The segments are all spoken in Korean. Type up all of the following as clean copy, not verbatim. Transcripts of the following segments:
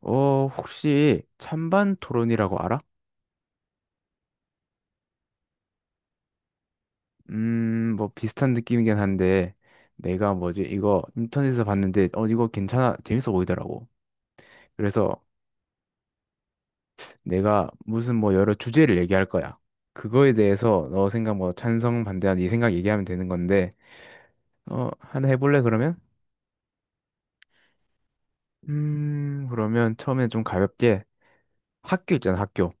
혹시 찬반 토론이라고 알아? 뭐 비슷한 느낌이긴 한데 내가 뭐지 이거 인터넷에서 봤는데 이거 괜찮아 재밌어 보이더라고. 그래서 내가 무슨 뭐 여러 주제를 얘기할 거야. 그거에 대해서 너 생각 뭐 찬성 반대한 이 생각 얘기하면 되는 건데 하나 해볼래 그러면? 그러면 처음에 좀 가볍게 학교 있잖아 학교.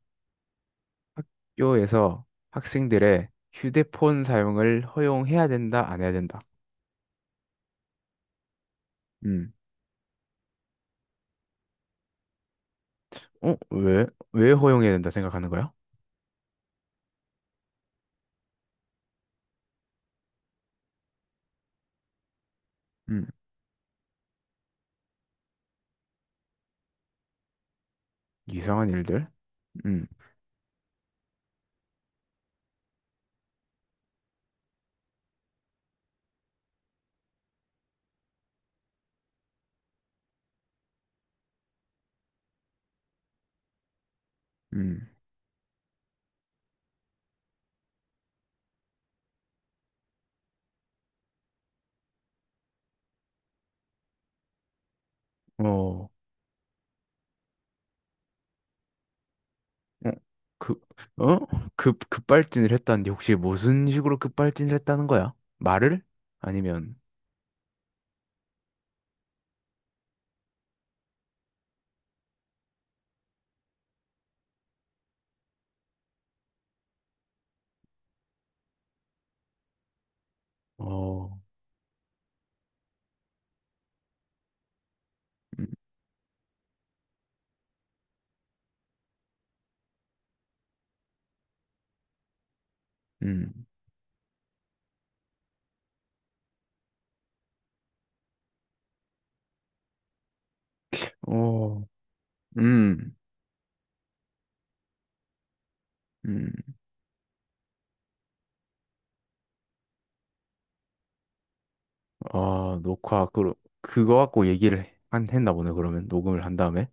학교에서 학생들의 휴대폰 사용을 허용해야 된다 안 해야 된다. 음. 어? 왜? 왜 허용해야 된다 생각하는 거야? 음, 이상한 일들? 음. 음. 어, 어, 그, 어? 급발진을 했다는데 혹시 무슨 식으로 급발진을 했다는 거야? 말을? 아니면, 어, 음, 음, 어, 음, 음. 아, 녹화, 그거 갖고 얘기를 했나 보네, 그러면. 녹음을 한 다음에.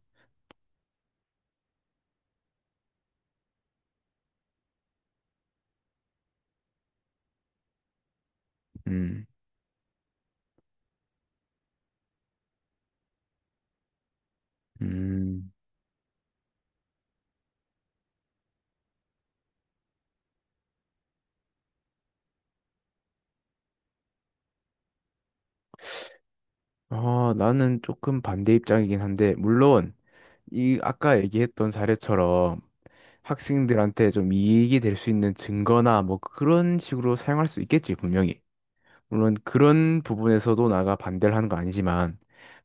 음, 음, 아, 나는 조금 반대 입장이긴 한데, 물론, 아까 얘기했던 사례처럼, 학생들한테 좀 이익이 될 수 있는 증거나 뭐 그런 식으로 사용할 수 있겠지, 분명히. 물론 그런 부분에서도 나가 반대를 하는 거 아니지만,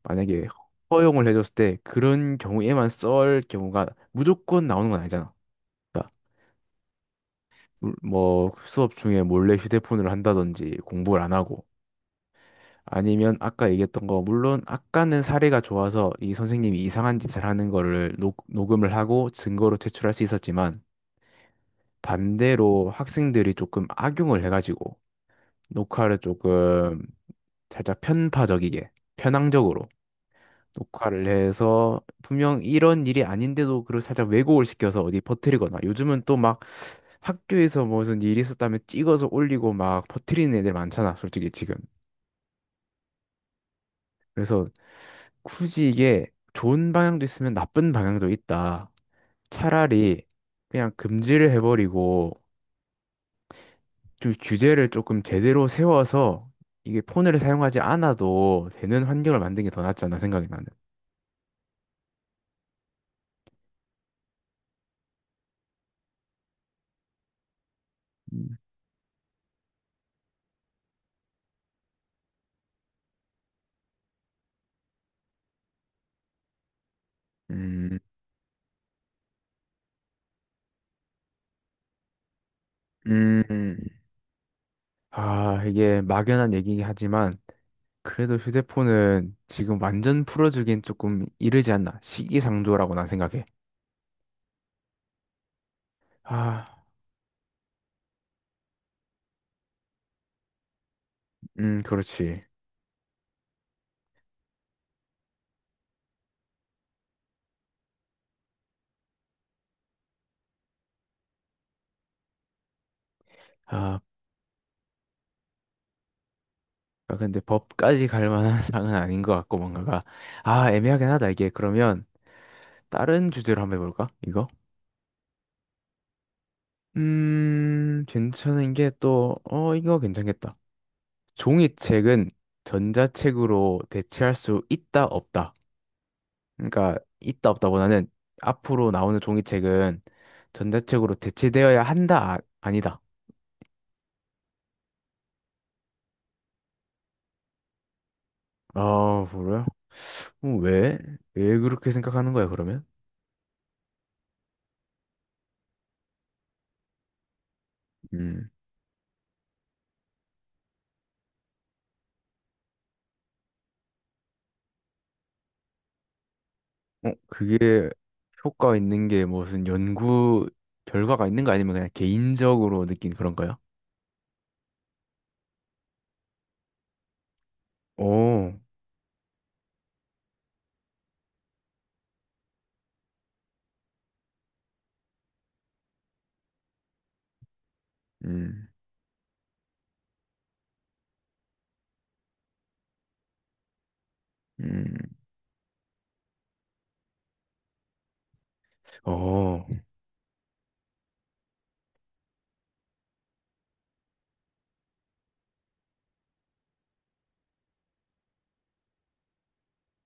만약에 허용을 해줬을 때 그런 경우에만 쓸 경우가 무조건 나오는 건 아니잖아. 그러니까 뭐 수업 중에 몰래 휴대폰을 한다든지 공부를 안 하고, 아니면 아까 얘기했던 거, 물론 아까는 사례가 좋아서 이 선생님이 이상한 짓을 하는 거를 녹음을 하고 증거로 제출할 수 있었지만, 반대로 학생들이 조금 악용을 해가지고 녹화를 조금 살짝 편파적이게 편향적으로 녹화를 해서 분명 이런 일이 아닌데도 그걸 살짝 왜곡을 시켜서 어디 퍼뜨리거나 요즘은 또 막 학교에서 무슨 일이 있었다면 찍어서 올리고 막 퍼뜨리는 애들 많잖아 솔직히 지금. 그래서 굳이 이게 좋은 방향도 있으면 나쁜 방향도 있다. 차라리 그냥 금지를 해버리고 좀 규제를 조금 제대로 세워서 이게 폰을 사용하지 않아도 되는 환경을 만든 게 더 낫지 않나 생각이 나는. 음, 음. 음. 아, 이게 막연한 얘기긴 하지만 그래도 휴대폰은 지금 완전 풀어주긴 조금 이르지 않나. 시기상조라고 난 생각해. 아, 그렇지. 아, 아, 근데 법까지 갈 만한 사항은 아닌 것 같고 뭔가가 아, 애매하긴 하다 이게. 그러면 다른 주제로 한번 해볼까? 이거? 괜찮은 게 또, 이거 괜찮겠다. 종이책은 전자책으로 대체할 수 있다, 없다. 그러니까, 있다, 없다보다는 앞으로 나오는 종이책은 전자책으로 대체되어야 한다, 아, 아니다. 아, 그래요? 어, 왜? 왜 그렇게 생각하는 거야, 그러면? 음, 그게 효과 있는 게 무슨 연구 결과가 있는 거 아니면 그냥 개인적으로 느낀 그런 거야? 오, 음, 음, 어.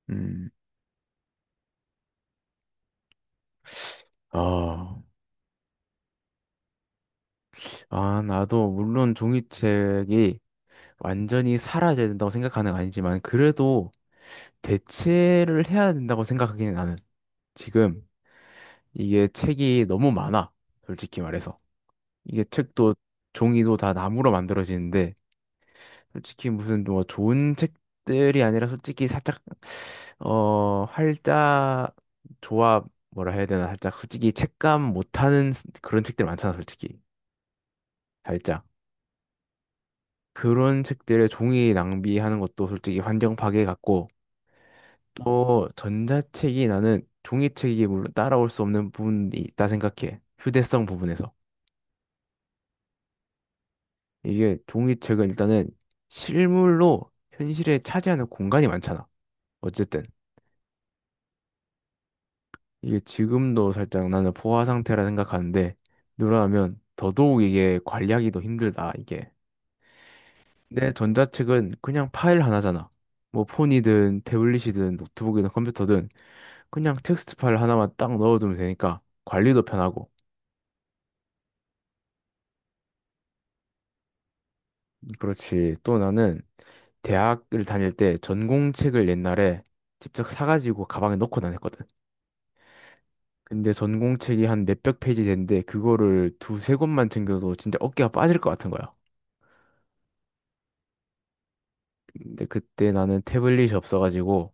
음, 아, 아, 나도 물론 종이책이 완전히 사라져야 된다고 생각하는 건 아니지만 그래도 대체를 해야 된다고 생각하기는 나는 지금 이게 책이 너무 많아. 솔직히 말해서. 이게 책도 종이도 다 나무로 만들어지는데 솔직히 무슨 뭐 좋은 책들이 아니라 솔직히 살짝 활자 조합 뭐라 해야 되나 살짝 솔직히 책감 못하는 그런 책들 많잖아 솔직히. 살짝. 그런 책들의 종이 낭비하는 것도 솔직히 환경 파괴 같고 또 전자책이 나는 종이책이 물론 따라올 수 없는 부분이 있다 생각해. 휴대성 부분에서. 이게 종이책은 일단은 실물로 현실에 차지하는 공간이 많잖아. 어쨌든 이게 지금도 살짝 나는 포화 상태라 생각하는데 누락하면 더더욱 이게 관리하기도 힘들다 이게. 내 전자책은 그냥 파일 하나잖아. 뭐 폰이든 태블릿이든 노트북이든 컴퓨터든 그냥 텍스트 파일 하나만 딱 넣어두면 되니까 관리도 편하고. 그렇지. 또 나는 대학을 다닐 때 전공책을 옛날에 직접 사가지고 가방에 넣고 다녔거든. 근데 전공책이 한 몇백 페이지 되는데 그거를 두세 권만 챙겨도 진짜 어깨가 빠질 것 같은 거야. 근데 그때 나는 태블릿이 없어가지고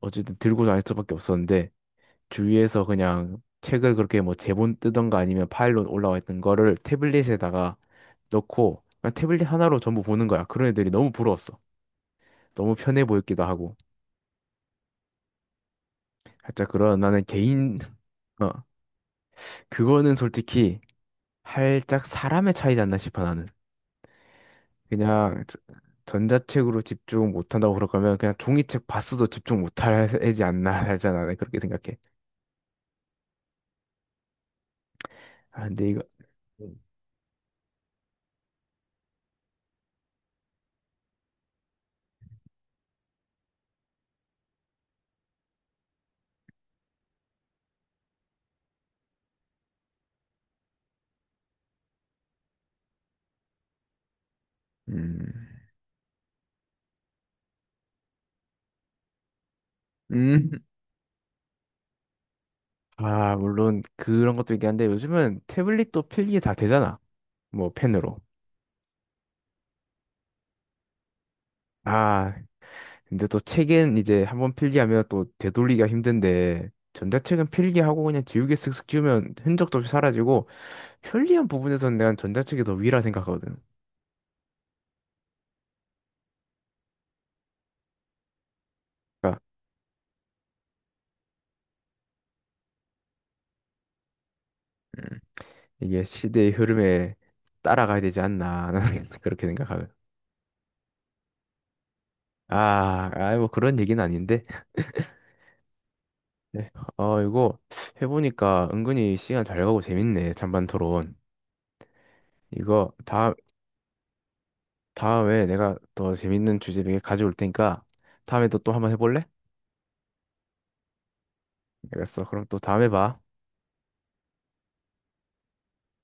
어쨌든 들고 다닐 수밖에 없었는데 주위에서 그냥 책을 그렇게 뭐 제본 뜨던가 아니면 파일로 올라와 있던 거를 태블릿에다가 넣고 그냥 태블릿 하나로 전부 보는 거야. 그런 애들이 너무 부러웠어. 너무 편해 보였기도 하고. 살짝 그런 나는 개인 어 그거는 솔직히 살짝 사람의 차이지 않나 싶어 나는. 그냥 전자책으로 집중 못한다고 그럴 거면 그냥 종이책 봤어도 집중 못할 애지 않나 하잖아. 나는 그렇게 생각해. 아 근데 이거. 음. 음. 아, 물론 그런 것도 있긴 한데 요즘은 태블릿도 필기 다 되잖아. 뭐 펜으로. 아, 근데 또 책은 이제 한번 필기하면 또 되돌리기가 힘든데 전자책은 필기하고 그냥 지우개 쓱쓱 지우면 흔적도 없이 사라지고 편리한 부분에서는 내가 전자책이 더 위라 생각하거든. 그러니까 음, 이게 시대의 흐름에 따라가야 되지 않나 나는 그렇게 생각하거든. 아, 아이 뭐 그런 얘기는 아닌데. 네. 이거 해보니까 은근히 시간 잘 가고 재밌네. 찬반 토론. 이거 다 다음에 내가 더 재밌는 주제 몇 개 가져올 테니까 다음에 또 한번 해볼래? 알겠어. 그럼 또 다음에 봐.